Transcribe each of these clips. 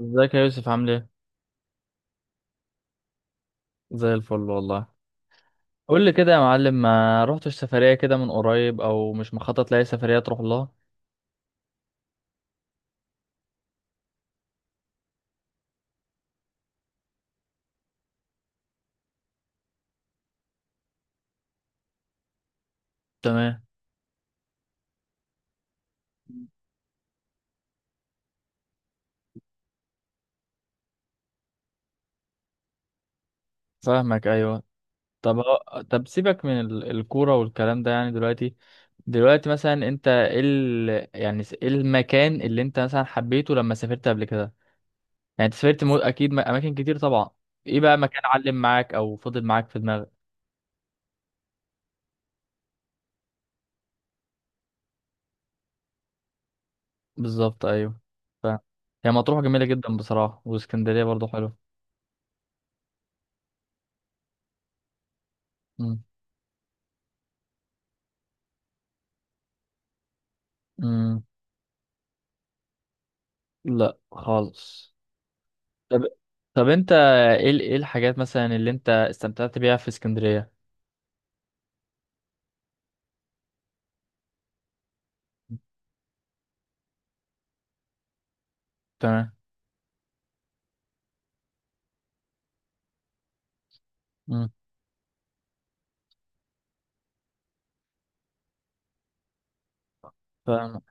ازيك يا يوسف، عامل ايه؟ زي الفل والله. قول لي كده يا معلم، ما رحتش سفرية كده من قريب او مش مخطط لاي سفرية تروح لها؟ تمام. فاهمك، ايوه. طب طب سيبك من الكورة والكلام ده يعني دلوقتي. دلوقتي مثلا انت ايه ايه المكان اللي انت مثلا حبيته لما سافرت قبل كده؟ يعني انت سافرت اكيد اماكن كتير طبعا. ايه بقى مكان علم معاك او فضل معاك في دماغك؟ بالظبط، ايوه. ف... هي مطروح جميلة جدا بصراحة، واسكندرية برضو حلوة. مم. مم. لا خالص. طب، انت ايه ايه الحاجات مثلا اللي انت استمتعت بيها في اسكندرية؟ تمام. مم. فاهم.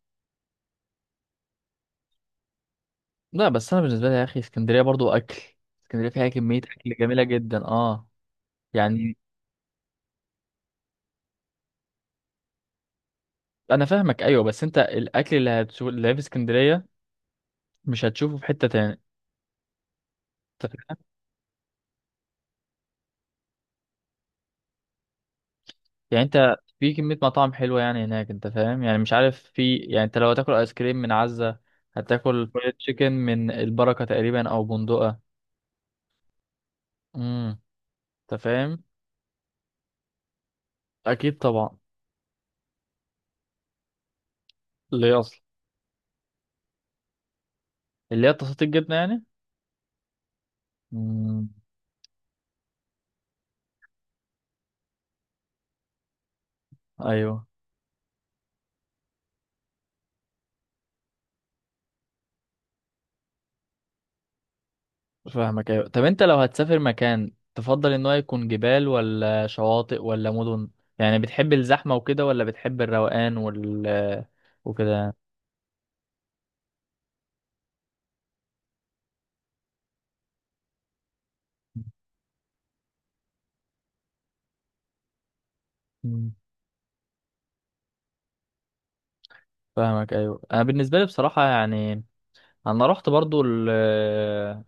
لا بس انا بالنسبة لي يا اخي، اسكندرية برضو اكل. اسكندرية فيها كمية اكل جميلة جدا، اه. يعني. انا فاهمك، ايوه، بس انت الاكل اللي هتشوف اللي في اسكندرية مش هتشوفه في حتة تاني. انت فاهم، يعني انت في كمية مطاعم حلوة يعني هناك، انت فاهم، يعني مش عارف، في، يعني انت لو هتاكل ايس كريم من عزة، هتاكل فرايد تشيكن من البركة تقريبا او بندقة. امم. انت فاهم. اكيد طبعا. اللي هي اصلا. اللي هي تساطيل الجبنه يعني. مم. ايوه، فاهمك، ايوه. طب انت لو هتسافر مكان، تفضل ان هو يكون جبال ولا شواطئ ولا مدن؟ يعني بتحب الزحمه وكده ولا بتحب الروقان وكده؟ مم. فاهمك، ايوه. انا بالنسبه لي بصراحه يعني، انا رحت برضو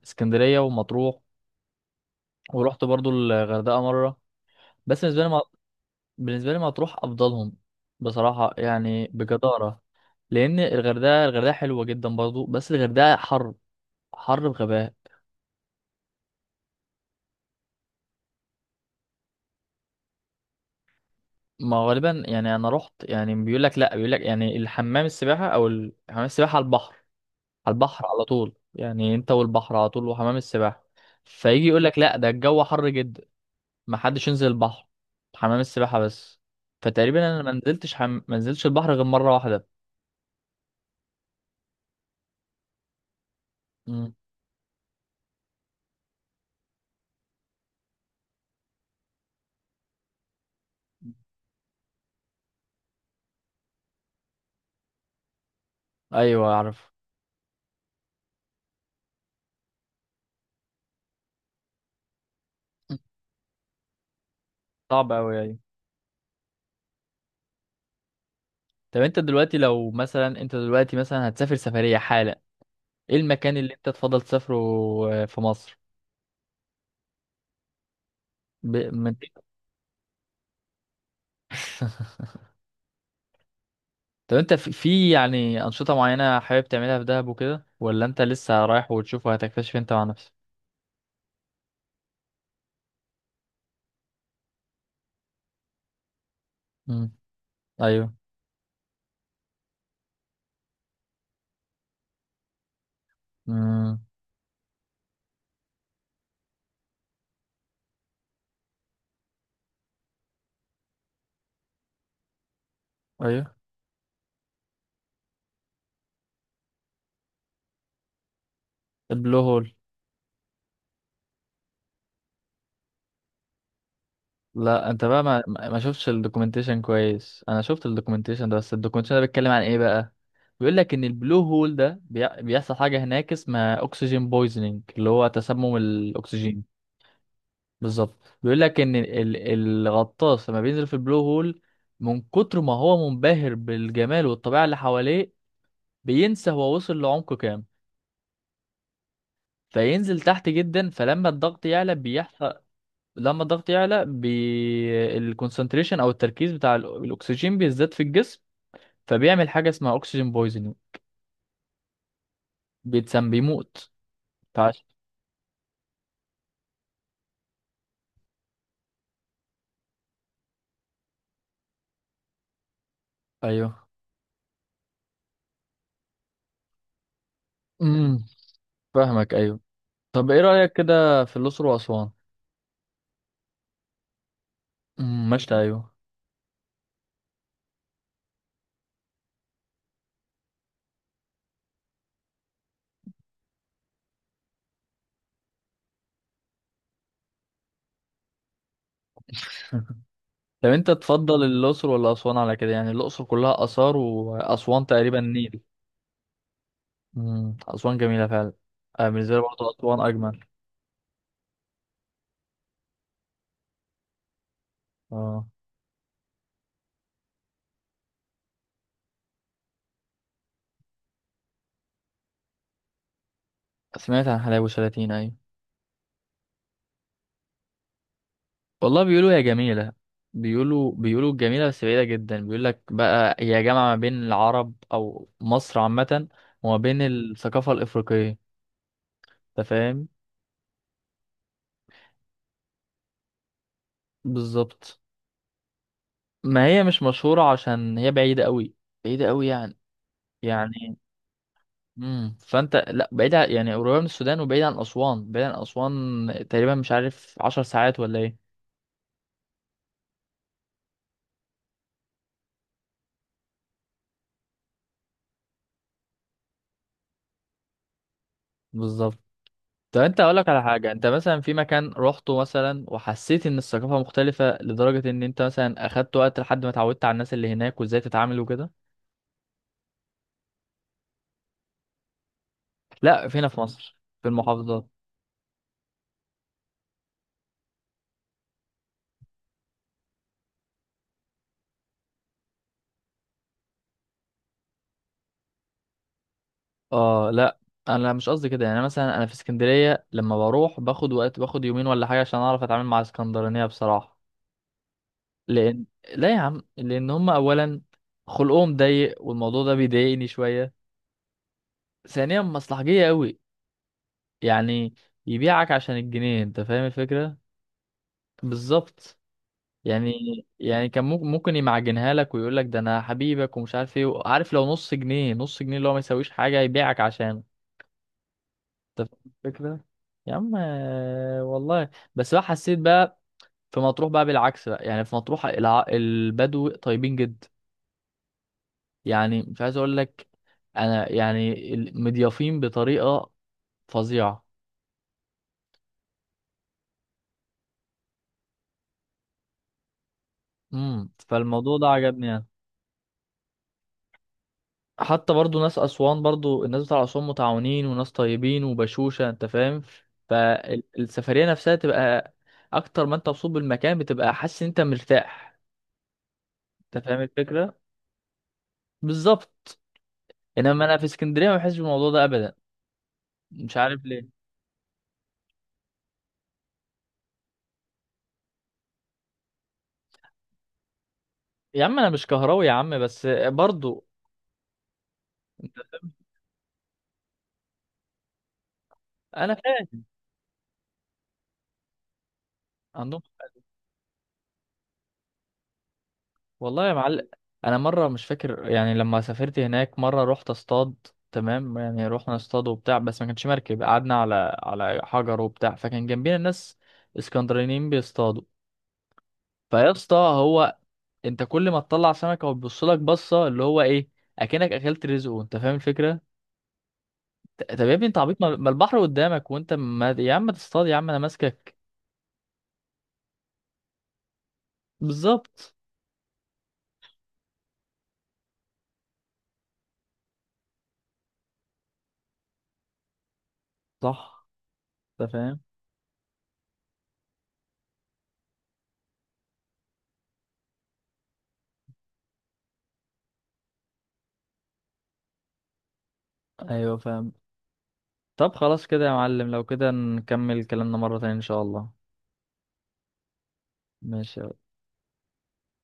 اسكندريه ومطروح، ورحت برضو الغردقه مره. بس بالنسبه لي، بالنسبة لي مطروح أفضلهم، بصراحة يعني، بجدارة. لأن الغردقة، حلوة جدا برضو، بس الغردقة حر، حر بغباء. ما هو غالبا يعني، أنا رحت يعني، بيقول لك لأ، بيقول لك يعني الحمام السباحة أو حمام السباحة على البحر، على البحر على طول، يعني أنت والبحر على طول وحمام السباحة. فيجي يقول لك لأ، ده الجو حر جدا، ما حدش ينزل البحر، حمام السباحة بس. فتقريبا أنا ما نزلتش ما نزلتش البحر غير مرة واحدة. مم. أيوه أعرف. صعب أوي، أيوة. طب انت دلوقتي، لو مثلا انت دلوقتي مثلا هتسافر سفرية حالا، ايه المكان اللي انت تفضل تسافره؟ في مصر؟ ب... من... طب انت في يعني أنشطة معينة حابب تعملها في دهب وكده، ولا انت لسه رايح وتشوف وهتكتشف انت مع نفسك؟ امم. ايوه. امم. ايوه. البلو هول. لا، انت بقى ما شفتش الدوكيومنتيشن كويس، انا شفت الدوكيومنتيشن ده، بس الدوكيومنتيشن ده بيتكلم عن ايه بقى؟ بيقول لك ان البلو هول ده بيحصل حاجة هناك اسمها اكسجين بويزنينج، اللي هو تسمم الاكسجين. بالظبط. بيقول لك ان الغطاس لما بينزل في البلو هول، من كتر ما هو منبهر بالجمال والطبيعه اللي حواليه، بينسى هو وصل لعمق كام، فينزل تحت جدا، فلما الضغط يعلى بيحصل، لما الضغط يعلى الكونسنتريشن او التركيز بتاع الاكسجين بيزداد في الجسم، فبيعمل حاجه اسمها اكسجين بويزنج، بيتسم، بيموت. فعش... ايوه. امم. فاهمك، ايوه. طب ايه رايك كده في الاقصر واسوان؟ مشت، ايوه. طب انت تفضل الاقصر ولا اسوان؟ على كده يعني، الاقصر كلها اثار واسوان تقريبا نيل. امم. اسوان جميله فعلا. بالنسبه لي برضه اسوان اجمل. اه. سمعت عن حلايب وشلاتين، ايوه. والله بيقولوا هي جميله. بيقولوا جميله، بس بعيده جدا. بيقول لك بقى هي جامعه ما بين العرب او مصر عامه، وما بين الثقافه الافريقيه، انت فاهم. بالظبط. ما هي مش مشهوره عشان هي بعيده قوي، بعيده قوي يعني، يعني. امم، فانت، لا، بعيد يعني قريبه من السودان وبعيد عن اسوان، بعيد عن اسوان تقريبا، مش عارف عشر ساعات ولا ايه. بالظبط. طب انت اقول لك على حاجه، انت مثلا في مكان روحته مثلا وحسيت ان الثقافه مختلفه لدرجه ان انت مثلا اخدت وقت لحد ما اتعودت على الناس اللي هناك وازاي تتعامل وكده؟ لا، فينا في مصر في المحافظات. اه لا، انا مش قصدي كده، يعني مثلا انا في اسكندريه لما بروح باخد وقت، باخد يومين ولا حاجه عشان اعرف اتعامل مع اسكندرانيه بصراحه. لان، لا يا عم، لان هم اولا خلقهم ضيق والموضوع ده بيضايقني شويه، ثانيا مصلحجيه قوي يعني، يبيعك عشان الجنيه، انت فاهم الفكره. بالظبط. يعني، يعني كان ممكن، يمعجنها لك ويقول لك ده انا حبيبك ومش عارف ايه، عارف، لو نص جنيه، نص جنيه اللي هو ما يساويش حاجه يبيعك عشانه. انت فاهم الفكره. يا عم، والله بس بقى حسيت بقى، في مطروح بقى بالعكس بقى يعني، في مطروح البدو طيبين جدا، يعني مش عايز اقول لك، انا يعني مضيافين بطريقه فظيعه. امم. فالموضوع ده عجبني يعني. حتى برضو ناس اسوان، برضو الناس بتاع اسوان متعاونين وناس طيبين وبشوشه، انت فاهم. فالسفريه نفسها تبقى، اكتر ما انت مبسوط بالمكان بتبقى حاسس ان انت مرتاح. انت فاهم الفكره. بالظبط. انما انا في اسكندريه ما بحسش بالموضوع ده ابدا، مش عارف ليه. يا عم انا مش كهراوي يا عم، بس برضو. انا فاهم. عندهم. والله يا معلم، انا مره مش فاكر، يعني لما سافرت هناك مره رحت اصطاد. تمام، يعني رحنا اصطاد وبتاع، بس ما كانش مركب، قعدنا على حجر وبتاع، فكان جنبينا ناس اسكندرانيين بيصطادوا. فيا اسطى، هو انت كل ما تطلع سمكه وتبص لك بصه اللي هو ايه، اكنك اكلت رزقه، انت فاهم الفكره. طب يا ابني انت عبيط، ما البحر قدامك وانت ما، يا عم تصطاد يا عم انا ماسكك. بالظبط. صح. انت فاهم. ايوه فاهم. طب خلاص كده يا معلم، لو كده نكمل كلامنا مره تانية ان شاء الله. ماشي.